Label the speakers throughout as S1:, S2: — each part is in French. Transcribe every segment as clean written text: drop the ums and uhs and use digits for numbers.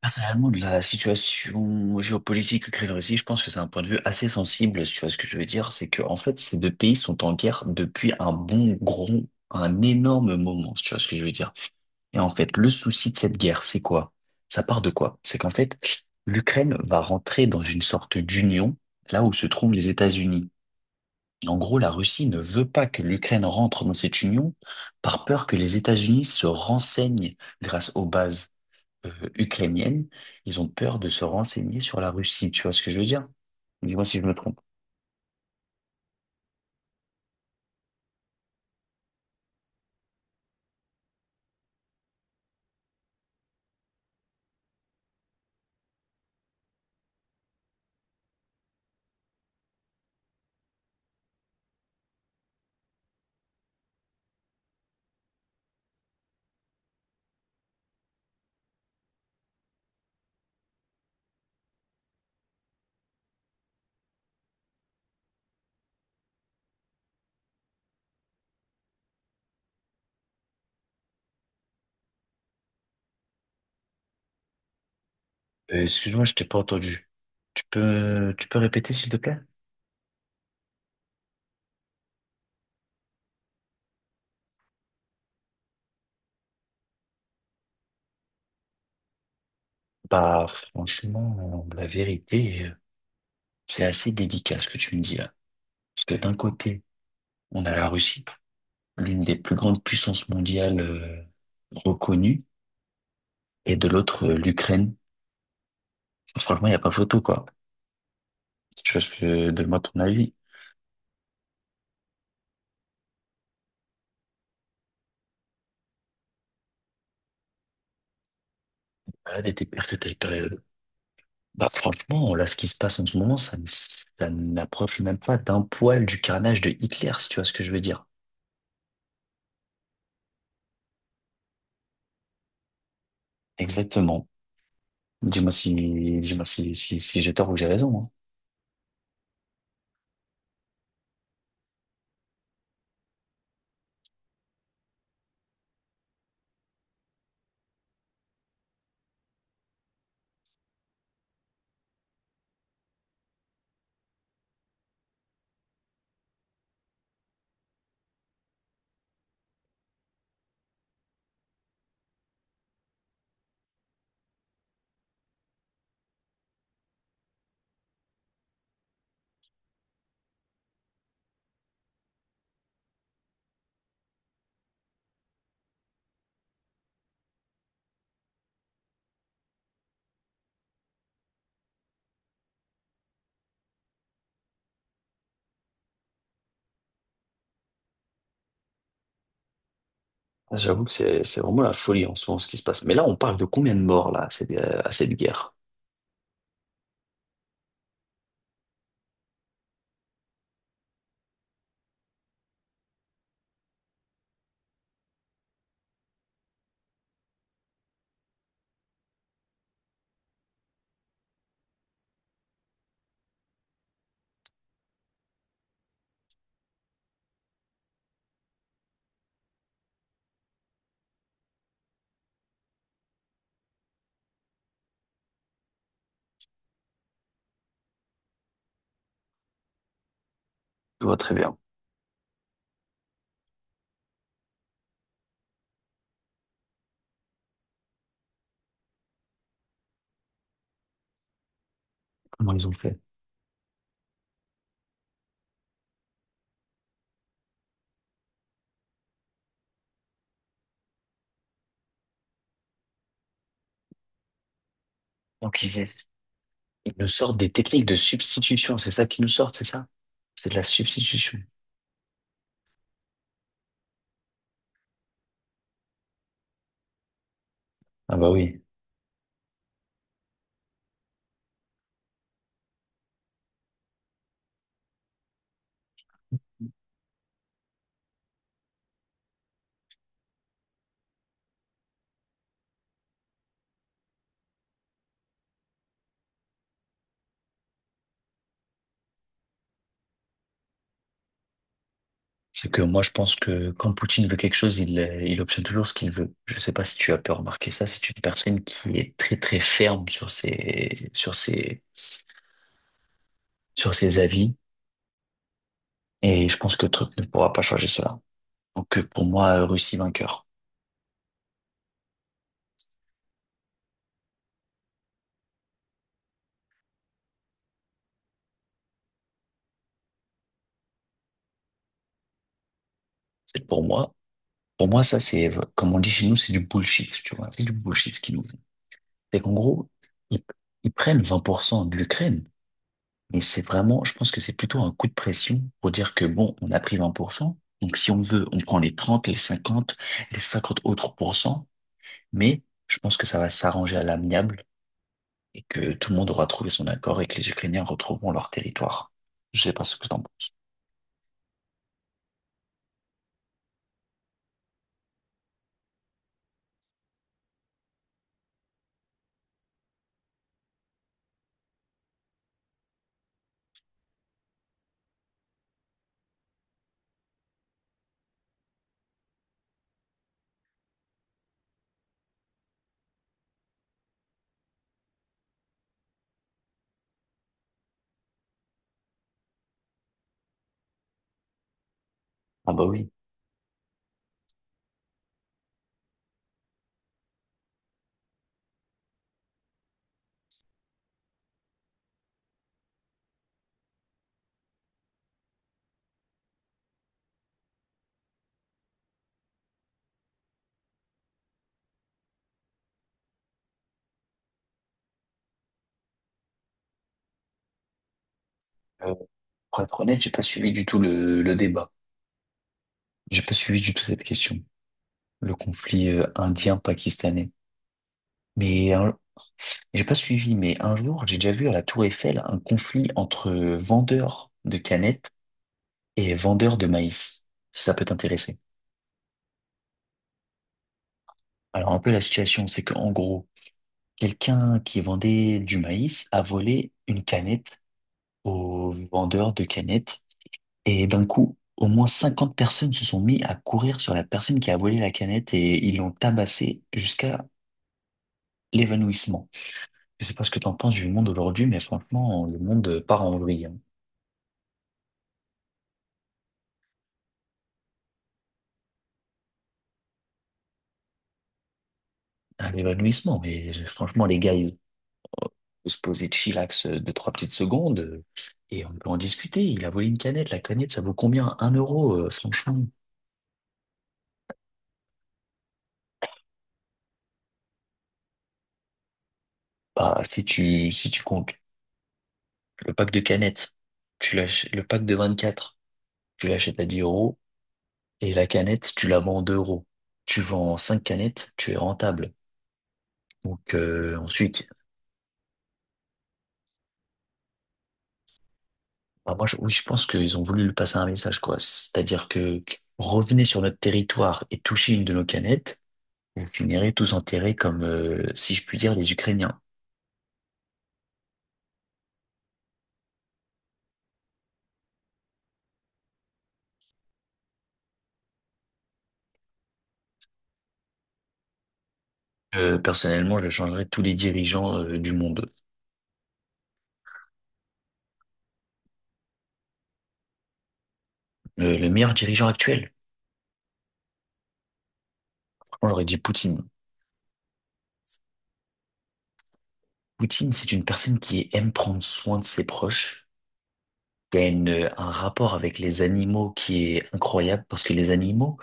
S1: Personnellement, de la situation géopolitique que crée la Russie, je pense que c'est un point de vue assez sensible. Si tu vois ce que je veux dire, c'est que en fait, ces deux pays sont en guerre depuis un bon gros, un énorme moment. Si tu vois ce que je veux dire. Et en fait, le souci de cette guerre, c'est quoi? Ça part de quoi? C'est qu'en fait, l'Ukraine va rentrer dans une sorte d'union là où se trouvent les États-Unis. Et en gros, la Russie ne veut pas que l'Ukraine rentre dans cette union par peur que les États-Unis se renseignent grâce aux bases ukrainienne, ils ont peur de se renseigner sur la Russie. Tu vois ce que je veux dire? Dis-moi si je me trompe. Excuse-moi, je t'ai pas entendu. Tu peux répéter, s'il te plaît? Bah, franchement, la vérité, c'est assez délicat ce que tu me dis là. Parce que d'un côté, on a la Russie, l'une des plus grandes puissances mondiales reconnues, et de l'autre, l'Ukraine. Franchement, il n'y a pas photo, quoi. Tu vois ce que, donne-moi ton avis. Voilà, des pertes de taille période. Bah franchement, là, ce qui se passe en ce moment, ça, ça n'approche même pas d'un poil du carnage de Hitler, si tu vois ce que je veux dire. Exactement. Dis-moi si, dis-moi si, si j'ai tort ou j'ai raison, hein. Ah, j'avoue que c'est vraiment la folie en ce moment, ce qui se passe. Mais là, on parle de combien de morts, là, à cette guerre? Je vois très bien comment ils ont fait. Donc, ils nous sortent des techniques de substitution. C'est ça qu'ils nous sortent, c'est ça? C'est de la substitution. Ah bah oui. C'est que moi, je pense que quand Poutine veut quelque chose, il obtient toujours ce qu'il veut. Je sais pas si tu as pu remarquer ça. C'est une personne qui est très, très ferme sur ses avis. Et je pense que Trump ne pourra pas changer cela. Donc, pour moi, Russie vainqueur. C'est pour moi. Pour moi, ça, c'est, comme on dit chez nous, c'est du bullshit, tu vois. C'est du bullshit ce qu'ils nous font. C'est qu'en gros, ils, ils prennent 20% de l'Ukraine. Mais c'est vraiment, je pense que c'est plutôt un coup de pression pour dire que bon, on a pris 20%. Donc si on veut, on prend les 30 les 50 autres pourcents. Mais je pense que ça va s'arranger à l'amiable et que tout le monde aura trouvé son accord et que les Ukrainiens retrouveront leur territoire. Je sais pas ce que t'en penses. Ah bah oui. Euh, pour être honnête, j'ai pas suivi du tout le débat. J'ai pas suivi du tout cette question, le conflit indien-pakistanais. Mais j'ai pas suivi, mais un jour, j'ai déjà vu à la Tour Eiffel un conflit entre vendeurs de canettes et vendeurs de maïs, si ça peut t'intéresser. Alors, un peu la situation, c'est qu'en gros, quelqu'un qui vendait du maïs a volé une canette au vendeur de canettes, et d'un coup, au moins 50 personnes se sont mis à courir sur la personne qui a volé la canette et ils l'ont tabassé jusqu'à l'évanouissement. Je sais pas ce que t'en penses du monde aujourd'hui, mais franchement, le monde part en vrille, hein. Un évanouissement. Mais franchement, les gars, ils peuvent se poser de chillax deux, trois petites secondes et on peut en discuter. Il a volé une canette. La canette, ça vaut combien? Un euro, franchement. Bah, si tu comptes le pack de canettes, le pack de 24 tu l'achètes à 10 euros et la canette, tu la vends 2 euros. Tu vends 5 canettes, tu es rentable. Donc, ensuite, bah, oui, je pense qu'ils ont voulu lui passer un message, quoi. C'est-à-dire que revenez sur notre territoire et touchez une de nos canettes. Vous finirez tous enterrés comme, si je puis dire, les Ukrainiens. Personnellement, je changerais tous les dirigeants du monde. Le meilleur dirigeant actuel, on j'aurais dit Poutine. Poutine, c'est une personne qui aime prendre soin de ses proches, qui a un rapport avec les animaux qui est incroyable, parce que les animaux,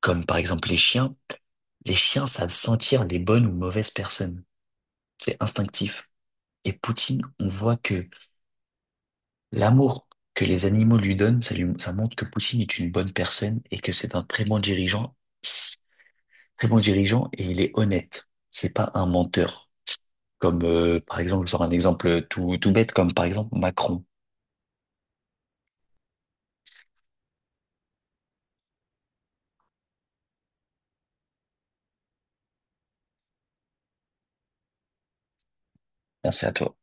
S1: comme par exemple les chiens savent sentir les bonnes ou mauvaises personnes. C'est instinctif. Et Poutine, on voit que l'amour que les animaux lui donnent, ça montre que Poutine est une bonne personne et que c'est un très bon dirigeant et il est honnête. C'est pas un menteur. Comme par exemple, je sors un exemple tout, tout bête, comme par exemple Macron. Merci à toi.